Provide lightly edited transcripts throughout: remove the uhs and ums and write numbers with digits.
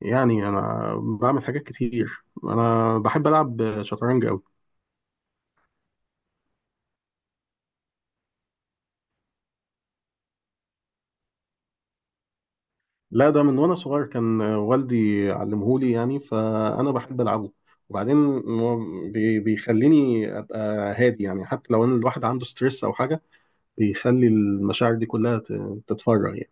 يعني انا بعمل حاجات كتير، انا بحب العب شطرنج قوي. لا، ده من وانا صغير كان والدي علمهولي، يعني فانا بحب العبه. وبعدين هو بيخليني ابقى هادي، يعني حتى لو ان الواحد عنده ستريس او حاجه، بيخلي المشاعر دي كلها تتفرغ يعني.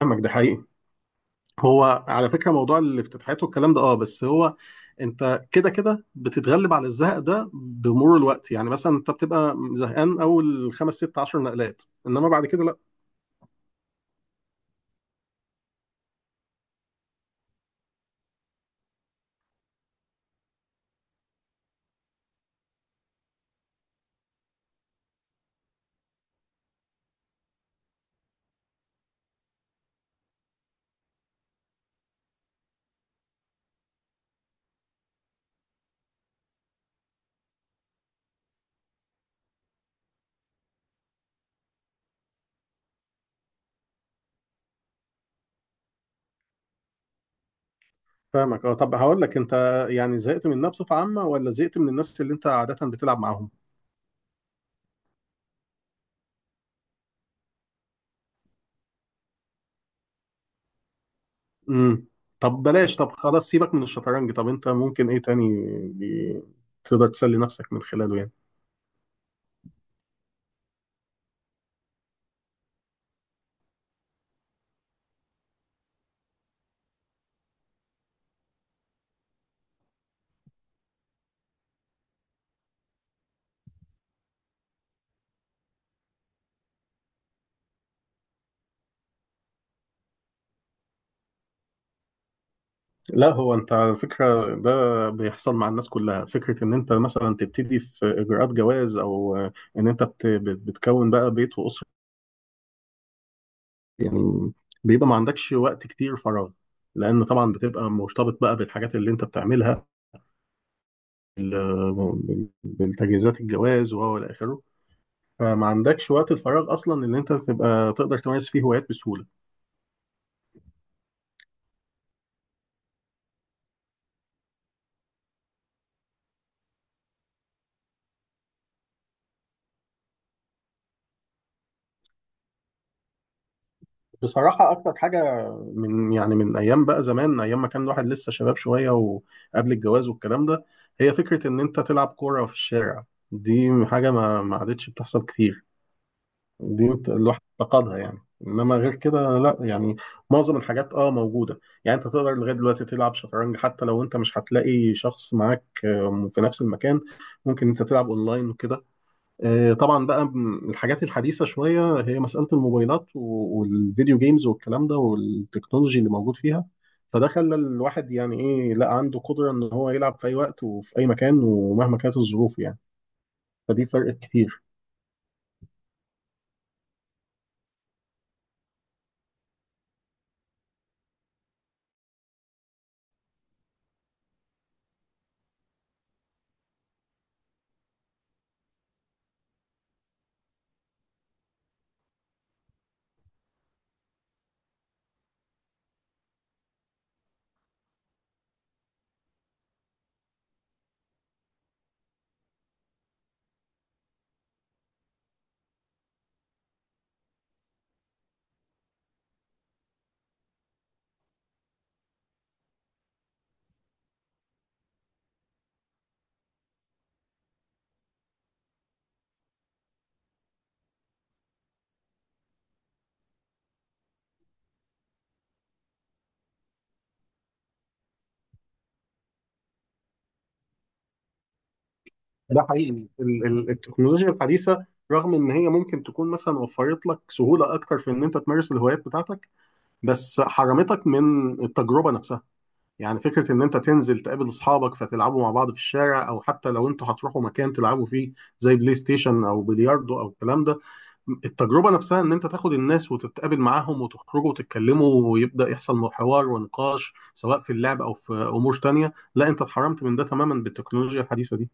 فاهمك، ده حقيقي. هو على فكره موضوع الافتتاحات والكلام ده، بس انت كده كده بتتغلب على الزهق ده بمرور الوقت. يعني مثلا انت بتبقى زهقان اول خمس ست عشر نقلات، انما بعد كده. فاهمك، اه طب هقول لك انت، يعني زهقت منها بصفة عامة ولا زهقت من الناس اللي انت عادة بتلعب معاهم؟ امم طب بلاش، طب خلاص سيبك من الشطرنج. طب انت ممكن ايه تاني بي... تقدر تسلي نفسك من خلاله يعني؟ لا هو انت على فكرة ده بيحصل مع الناس كلها، فكرة ان انت مثلا تبتدي في اجراءات جواز، او ان انت بتكون بقى بيت واسرة. يعني بيبقى ما عندكش وقت كتير فراغ، لان طبعا بتبقى مرتبط بقى بالحاجات اللي انت بتعملها، بالتجهيزات الجواز وهو الى اخره. فما عندكش وقت الفراغ اصلا ان انت تبقى تقدر تمارس فيه هوايات بسهوله. بصراحه اكتر حاجه من يعني من ايام بقى زمان، ايام ما كان الواحد لسه شباب شويه وقبل الجواز والكلام ده، هي فكره ان انت تلعب كوره في الشارع. دي حاجه ما عادتش بتحصل كتير، دي الواحد افتقدها يعني. انما غير كده لا، يعني معظم الحاجات اه موجوده. يعني انت تقدر لغايه دلوقتي تلعب شطرنج حتى لو انت مش هتلاقي شخص معاك آه، في نفس المكان. ممكن انت تلعب اونلاين وكده. آه، طبعا بقى الحاجات الحديثه شويه، هي مساله الموبايلات والفيديو جيمز والكلام ده والتكنولوجي اللي موجود فيها. فده خلى الواحد يعني ايه، لا عنده قدره ان هو يلعب في اي وقت وفي اي مكان ومهما كانت الظروف يعني. فدي فرقت كتير. ده حقيقي، التكنولوجيا الحديثة رغم ان هي ممكن تكون مثلا وفرت لك سهولة اكتر في ان انت تمارس الهوايات بتاعتك، بس حرمتك من التجربة نفسها. يعني فكرة ان انت تنزل تقابل اصحابك فتلعبوا مع بعض في الشارع، او حتى لو انتوا هتروحوا مكان تلعبوا فيه زي بلاي ستيشن او بلياردو او الكلام ده. التجربة نفسها ان انت تاخد الناس وتتقابل معاهم وتخرجوا وتتكلموا ويبدأ يحصل حوار ونقاش سواء في اللعب او في امور تانية، لا انت اتحرمت من ده تماما بالتكنولوجيا الحديثة دي.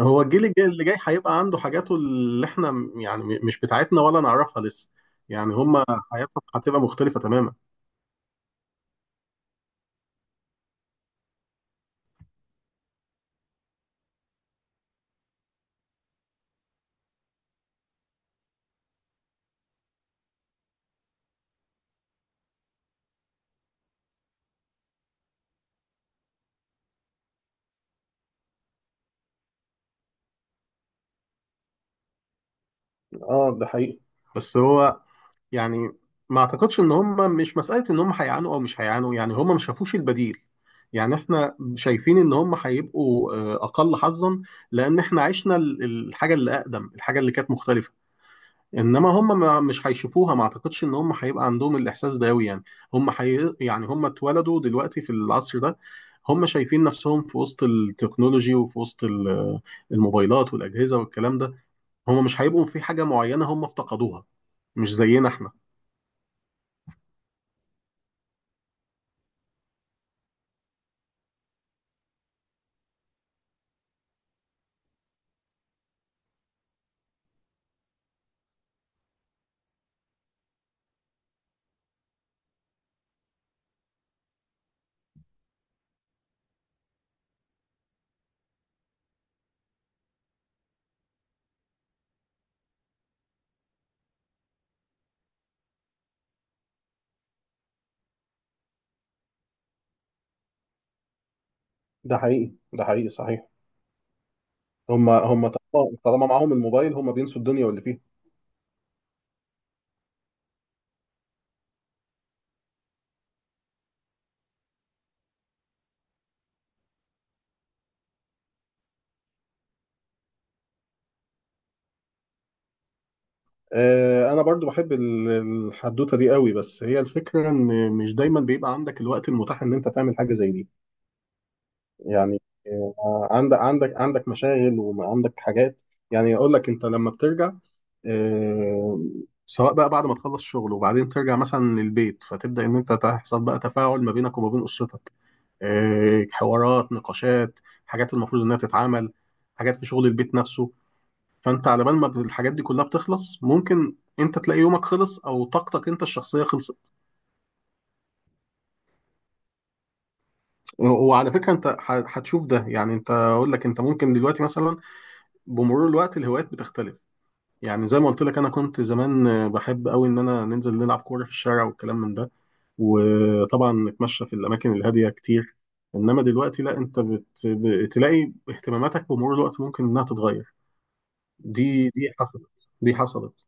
هو اللي جاي هيبقى عنده حاجاته اللي احنا مش بتاعتنا ولا نعرفها لسه. يعني هما حياتهم هتبقى مختلفة تماما. اه ده حقيقي، بس هو يعني ما اعتقدش ان هما، مش مسألة ان هما هيعانوا او مش هيعانوا، يعني هما ما شافوش البديل. يعني احنا شايفين ان هما هيبقوا آه، اقل حظا، لان احنا عشنا الحاجة اللي اقدم، الحاجة اللي كانت مختلفة. انما هم ما مش هيشوفوها، ما اعتقدش ان هم هيبقى عندهم الاحساس ده قوي يعني. هم يعني هم اتولدوا دلوقتي في العصر ده. هم شايفين نفسهم في وسط التكنولوجي وفي وسط الموبايلات والاجهزه والكلام ده. هم مش هيبقوا في حاجه معينه هم افتقدوها، مش زينا احنا. ده حقيقي، ده حقيقي صحيح. هم طالما معاهم الموبايل هم بينسوا الدنيا واللي فيها. آه، انا برضو بحب الحدوته دي قوي، بس هي الفكره ان مش دايما بيبقى عندك الوقت المتاح ان انت تعمل حاجه زي دي. يعني آه، عندك مشاغل وعندك حاجات. يعني يقول لك انت لما بترجع آه، سواء بقى بعد ما تخلص شغل وبعدين ترجع مثلا للبيت، فتبدأ ان انت تحصل بقى تفاعل ما بينك وما بين اسرتك، آه، حوارات، نقاشات، حاجات المفروض انها تتعمل، حاجات في شغل البيت نفسه. فانت على بال ما الحاجات دي كلها بتخلص ممكن انت تلاقي يومك خلص او طاقتك انت الشخصيه خلصت. وعلى فكره انت هتشوف ده. يعني انت اقول لك انت ممكن دلوقتي مثلا بمرور الوقت الهوايات بتختلف. يعني زي ما قلت لك انا كنت زمان آه، بحب قوي ان انا ننزل نلعب كوره في الشارع والكلام من ده، وطبعا نتمشى في الاماكن الهاديه كتير. انما دلوقتي لا، انت بتلاقي اهتماماتك بمرور الوقت ممكن انها تتغير. دي حصلت، دي حصلت.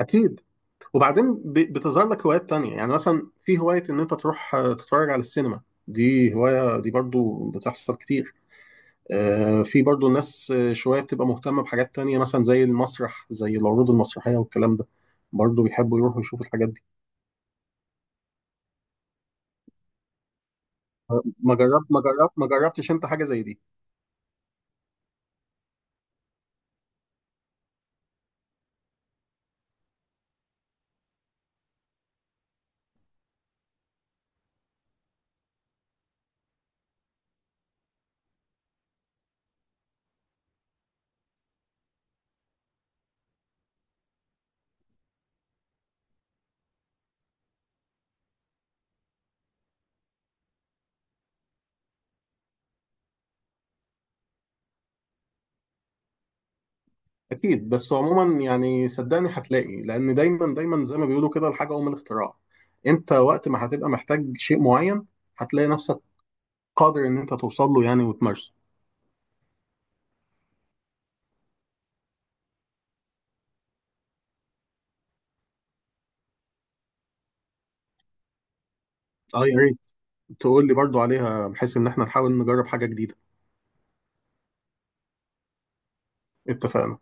اكيد، وبعدين بتظهر لك هوايات تانية. يعني مثلا في هوايه ان انت تروح آه، تتفرج على السينما، دي هوايه دي برضو بتحصل كتير. آه، في برضو ناس آه، شوية بتبقى مهتمة بحاجات تانية مثلا زي المسرح، زي العروض المسرحية والكلام ده، برضو بيحبوا يروحوا يشوفوا الحاجات دي. آه، ما جربتش انت حاجة زي دي؟ اكيد، بس عموما يعني صدقني هتلاقي، لان دايما دايما زي ما بيقولوا كده، الحاجة ام الاختراع. انت وقت ما هتبقى محتاج شيء معين هتلاقي نفسك قادر ان انت توصل له يعني وتمارسه. اه يا ريت تقول لي برضو عليها بحيث ان احنا نحاول نجرب حاجة جديدة. اتفقنا.